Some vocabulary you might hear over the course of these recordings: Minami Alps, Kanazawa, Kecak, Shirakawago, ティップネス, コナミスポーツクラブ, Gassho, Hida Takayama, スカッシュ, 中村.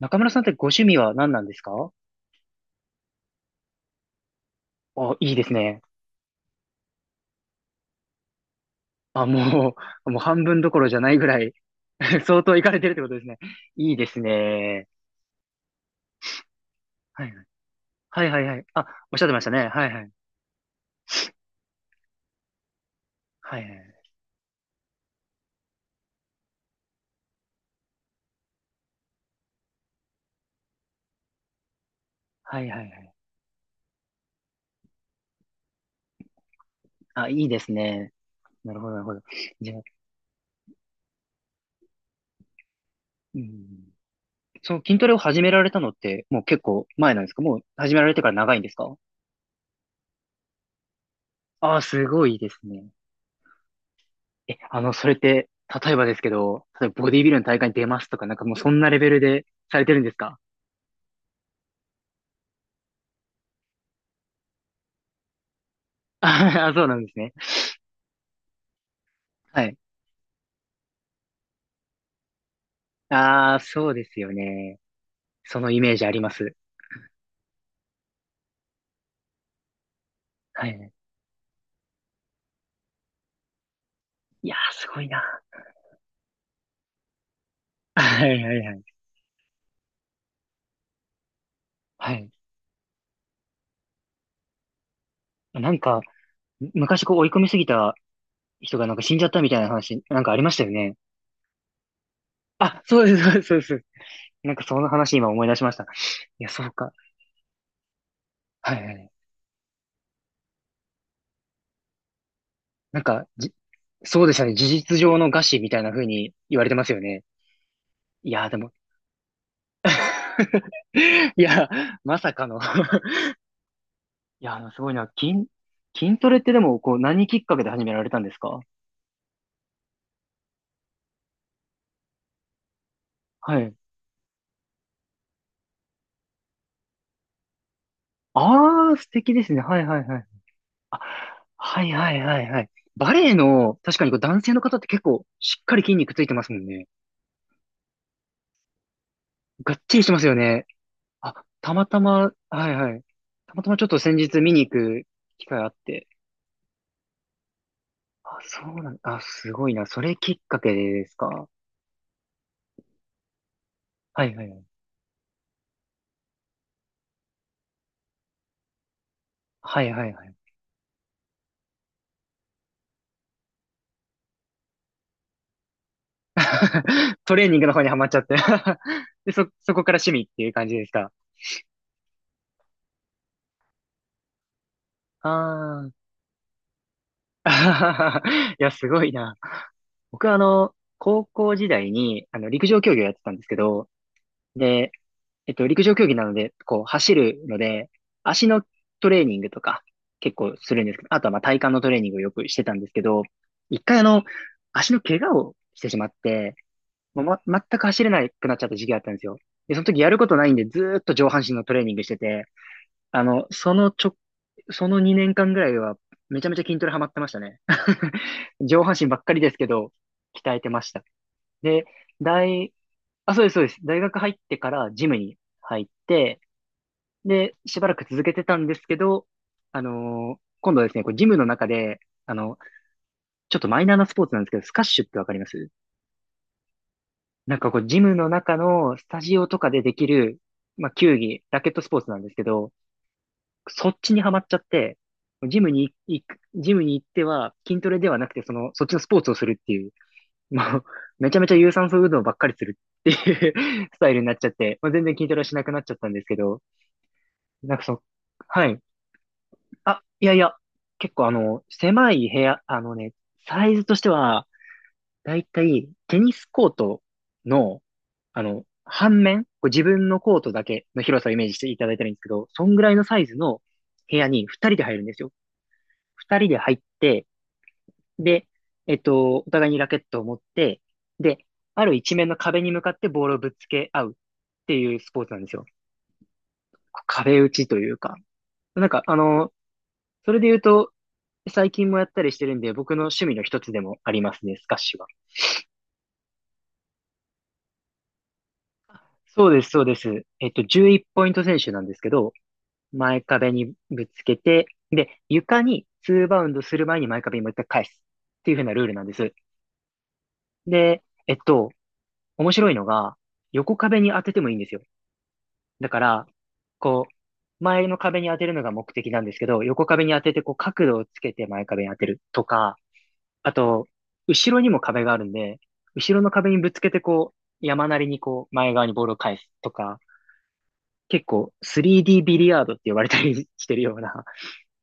中村さんってご趣味は何なんですか？あ、いいですね。あ、もう半分どころじゃないぐらい 相当行かれてるってことですね。いいですね。はいはい。はいはいはい。あ、おっしゃってましたね。はいはい。はいはい。はいはいはい。あ、いいですね。なるほどなるほど。じゃあ、うん、その筋トレを始められたのって、もう結構前なんですか？もう始められてから長いんですか？ああ、すごいですね。え、それって、例えばですけど、例えばボディビルの大会に出ますとか、なんかもうそんなレベルでされてるんですか？あ、そうなんですね。はい。ああ、そうですよね。そのイメージあります。はい。いやー、すごいな。はいはいはい。はい。なんか、昔こう追い込みすぎた人がなんか死んじゃったみたいな話、なんかありましたよね。あ、そうです、そうです、そうです。なんかその話今思い出しました。いや、そうか。はいはい。なんか、そうでしたね。事実上の餓死みたいな風に言われてますよね。いやー、でも いや、まさかの いや、すごいな。筋トレってでも、こう、何きっかけで始められたんですか？はい。ああ、素敵ですね。はいはいはい。あ、はいはいはいはい。バレエの、確かにこう男性の方って結構、しっかり筋肉ついてますもんね。がっちりしてますよね。あ、たまたま、はいはい。たまたまちょっと先日見に行く機会あって。あ、そうなん、あ、すごいな。それきっかけですか？はいはいはい。はいはいはい。トレーニングの方にはまっちゃって で、そこから趣味っていう感じですか？ああ。いや、すごいな。僕は高校時代に、陸上競技をやってたんですけど、で、陸上競技なので、こう、走るので、足のトレーニングとか、結構するんですけど、あとはまあ体幹のトレーニングをよくしてたんですけど、一回足の怪我をしてしまって、ま全く走れなくなっちゃった時期があったんですよ。で、その時やることないんで、ずーっと上半身のトレーニングしてて、あの、そのちょ、その2年間ぐらいは、めちゃめちゃ筋トレハマってましたね。上半身ばっかりですけど、鍛えてました。で、大、あ、そうです、そうです。大学入ってからジムに入って、で、しばらく続けてたんですけど、今度はですね、こうジムの中で、あの、ちょっとマイナーなスポーツなんですけど、スカッシュってわかります？なんかこう、ジムの中のスタジオとかでできる、まあ、球技、ラケットスポーツなんですけど、そっちにはまっちゃって、ジムに行っては筋トレではなくて、その、そっちのスポーツをするっていう、もう、めちゃめちゃ有酸素運動ばっかりするっていう スタイルになっちゃって、まあ、全然筋トレはしなくなっちゃったんですけど、なんかはい。あ、いやいや、結構狭い部屋、サイズとしては、だいたいテニスコートの、半面、こう自分のコートだけの広さをイメージしていただいたらいいんですけど、そんぐらいのサイズの部屋に2人で入るんですよ。二人で入って、で、お互いにラケットを持って、で、ある一面の壁に向かってボールをぶつけ合うっていうスポーツなんですよ。壁打ちというか。なんか、それで言うと、最近もやったりしてるんで、僕の趣味の一つでもありますね、スカッシュは。そうです、そうです。11ポイント選手なんですけど、前壁にぶつけて、で、床に2バウンドする前に前壁にもう一回返すっていう風なルールなんです。で、面白いのが、横壁に当ててもいいんですよ。だから、こう、前の壁に当てるのが目的なんですけど、横壁に当てて、こう、角度をつけて前壁に当てるとか、あと、後ろにも壁があるんで、後ろの壁にぶつけて、こう、山なりにこう、前側にボールを返すとか、結構 3D ビリヤードって呼ばれたりしてるような、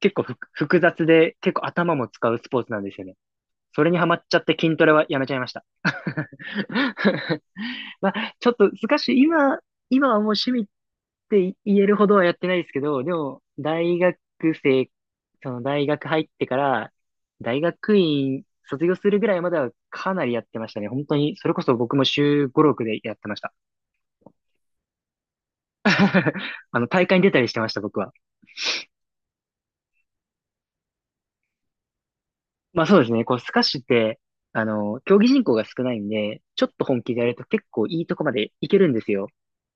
結構複雑で、結構頭も使うスポーツなんですよね。それにハマっちゃって筋トレはやめちゃいました。まあ、ちょっと難しい。今はもう趣味って言えるほどはやってないですけど、でも、大学生、その大学入ってから、大学院卒業するぐらいまではかなりやってましたね。本当に、それこそ僕も週五六でやってました。大会に出たりしてました、僕は。まあそうですね。こう、スカッシュって、競技人口が少ないんで、ちょっと本気でやると結構いいとこまでいけるんですよ。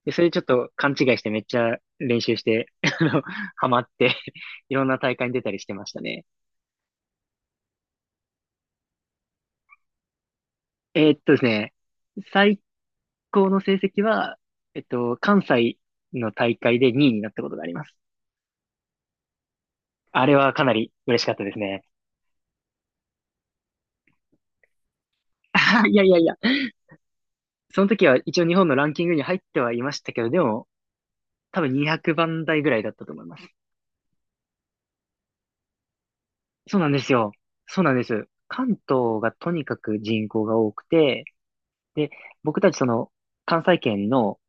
で、それちょっと勘違いしてめっちゃ練習して、あの、ハマって いろんな大会に出たりしてましたね。ですね、最高の成績は、関西の大会で2位になったことがあります。あれはかなり嬉しかったですね。いやいやいや、その時は一応日本のランキングに入ってはいましたけど、でも多分200番台ぐらいだったと思います。そうなんですよ。そうなんです。関東がとにかく人口が多くて、で、僕たちその関西圏の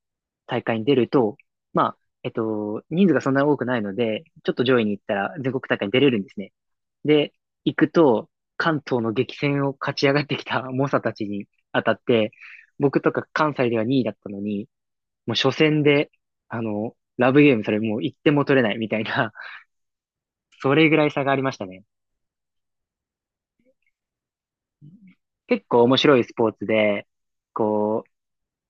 大会に出ると、まあ、人数がそんなに多くないので、ちょっと上位に行ったら全国大会に出れるんですね。で、行くと、関東の激戦を勝ち上がってきた猛者たちに当たって、僕とか関西では2位だったのに、もう初戦で、ラブゲームそれもう1点も取れないみたいな、それぐらい差がありましたね。結構面白いスポーツで、こう、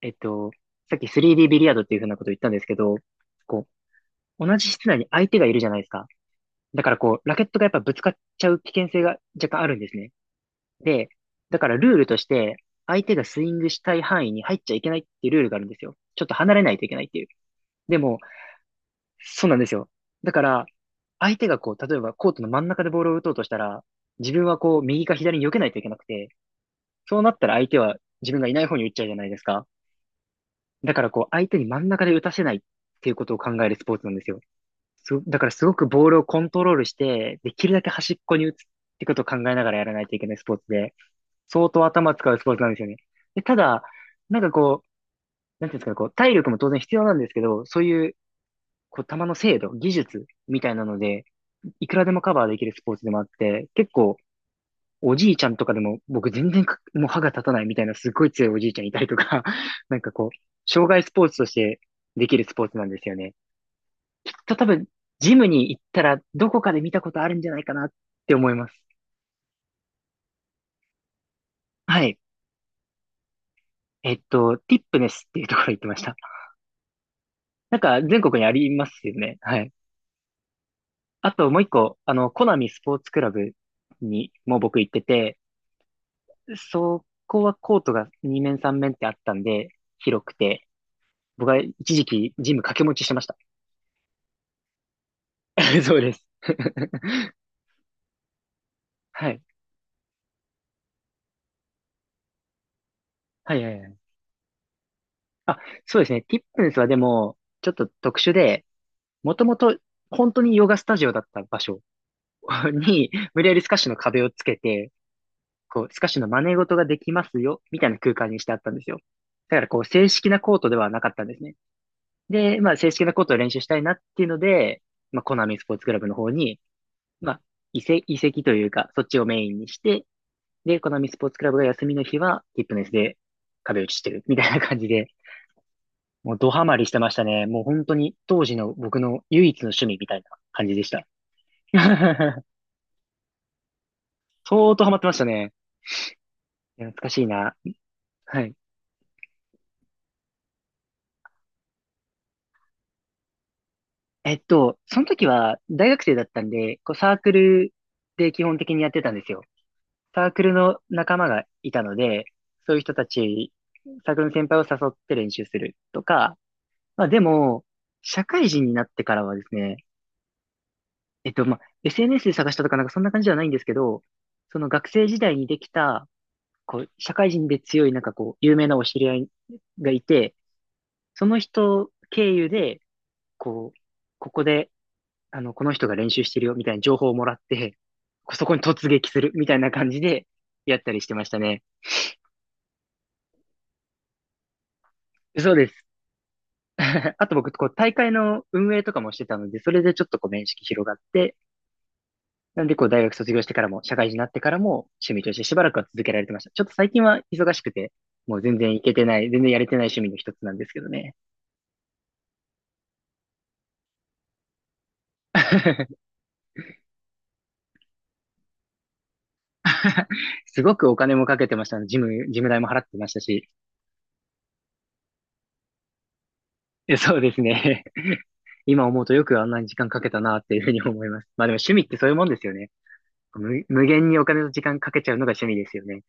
えっと、さっき 3D ビリヤードっていうふうなことを言ったんですけど、こう、同じ室内に相手がいるじゃないですか。だからこう、ラケットがやっぱぶつかっちゃう危険性が若干あるんですね。で、だからルールとして、相手がスイングしたい範囲に入っちゃいけないっていうルールがあるんですよ。ちょっと離れないといけないっていう。でも、そうなんですよ。だから、相手がこう、例えばコートの真ん中でボールを打とうとしたら、自分はこう、右か左に避けないといけなくて、そうなったら相手は自分がいない方に打っちゃうじゃないですか。だからこう、相手に真ん中で打たせないっていうことを考えるスポーツなんですよ。だからすごくボールをコントロールして、できるだけ端っこに打つってことを考えながらやらないといけないスポーツで、相当頭使うスポーツなんですよね。で、ただ、なんかこう、なんていうんですかね、こう、体力も当然必要なんですけど、そういう、こう、球の精度、技術みたいなので、いくらでもカバーできるスポーツでもあって、結構、おじいちゃんとかでも、僕全然かもう歯が立たないみたいなすっごい強いおじいちゃんいたりとか、なんかこう、障害スポーツとしてできるスポーツなんですよね。きっと多分、ジムに行ったらどこかで見たことあるんじゃないかなって思います。はい。ティップネスっていうところ行ってました。なんか全国にありますよね。はい。あともう一個、あの、コナミスポーツクラブにも僕行ってて、そこはコートが2面3面ってあったんで、広くて、僕は一時期ジム掛け持ちしてました。そうです。はい。はいはいはい。あ、そうですね。ティップンスはでも、ちょっと特殊で、もともと本当にヨガスタジオだった場所 に、無理やりスカッシュの壁をつけて、こう、スカッシュの真似事ができますよ、みたいな空間にしてあったんですよ。だからこう、正式なコートではなかったんですね。で、まあ、正式なコートを練習したいなっていうので、まあ、コナミスポーツクラブの方に、まあ、移籍というか、そっちをメインにして、で、このみスポーツクラブが休みの日は、ティップネスで壁打ちしてる、みたいな感じで、もうドハマりしてましたね。もう本当に当時の僕の唯一の趣味みたいな感じでした。相当ハマってましたね。いや懐かしいな。はい。その時は大学生だったんで、こうサークルで基本的にやってたんですよ。サークルの仲間がいたので、そういう人たち、サークルの先輩を誘って練習するとか、まあでも、社会人になってからはですね、まあ、SNS で探したとかなんかそんな感じではないんですけど、その学生時代にできた、こう、社会人で強いなんかこう、有名なお知り合いがいて、その人経由で、こう、ここで、あの、この人が練習してるよみたいな情報をもらって、こうそこに突撃するみたいな感じでやったりしてましたね。そうです。あと僕、こう、大会の運営とかもしてたので、それでちょっとこう、面識広がって、なんで、こう、大学卒業してからも、社会人になってからも、趣味としてしばらくは続けられてました。ちょっと最近は忙しくて、もう全然行けてない、全然やれてない趣味の一つなんですけどね。すごくお金もかけてました。ジム代も払ってましたし。えそうですね。今思うとよくあんなに時間かけたなっていうふうに思います。まあでも趣味ってそういうもんですよね。無限にお金と時間かけちゃうのが趣味ですよね。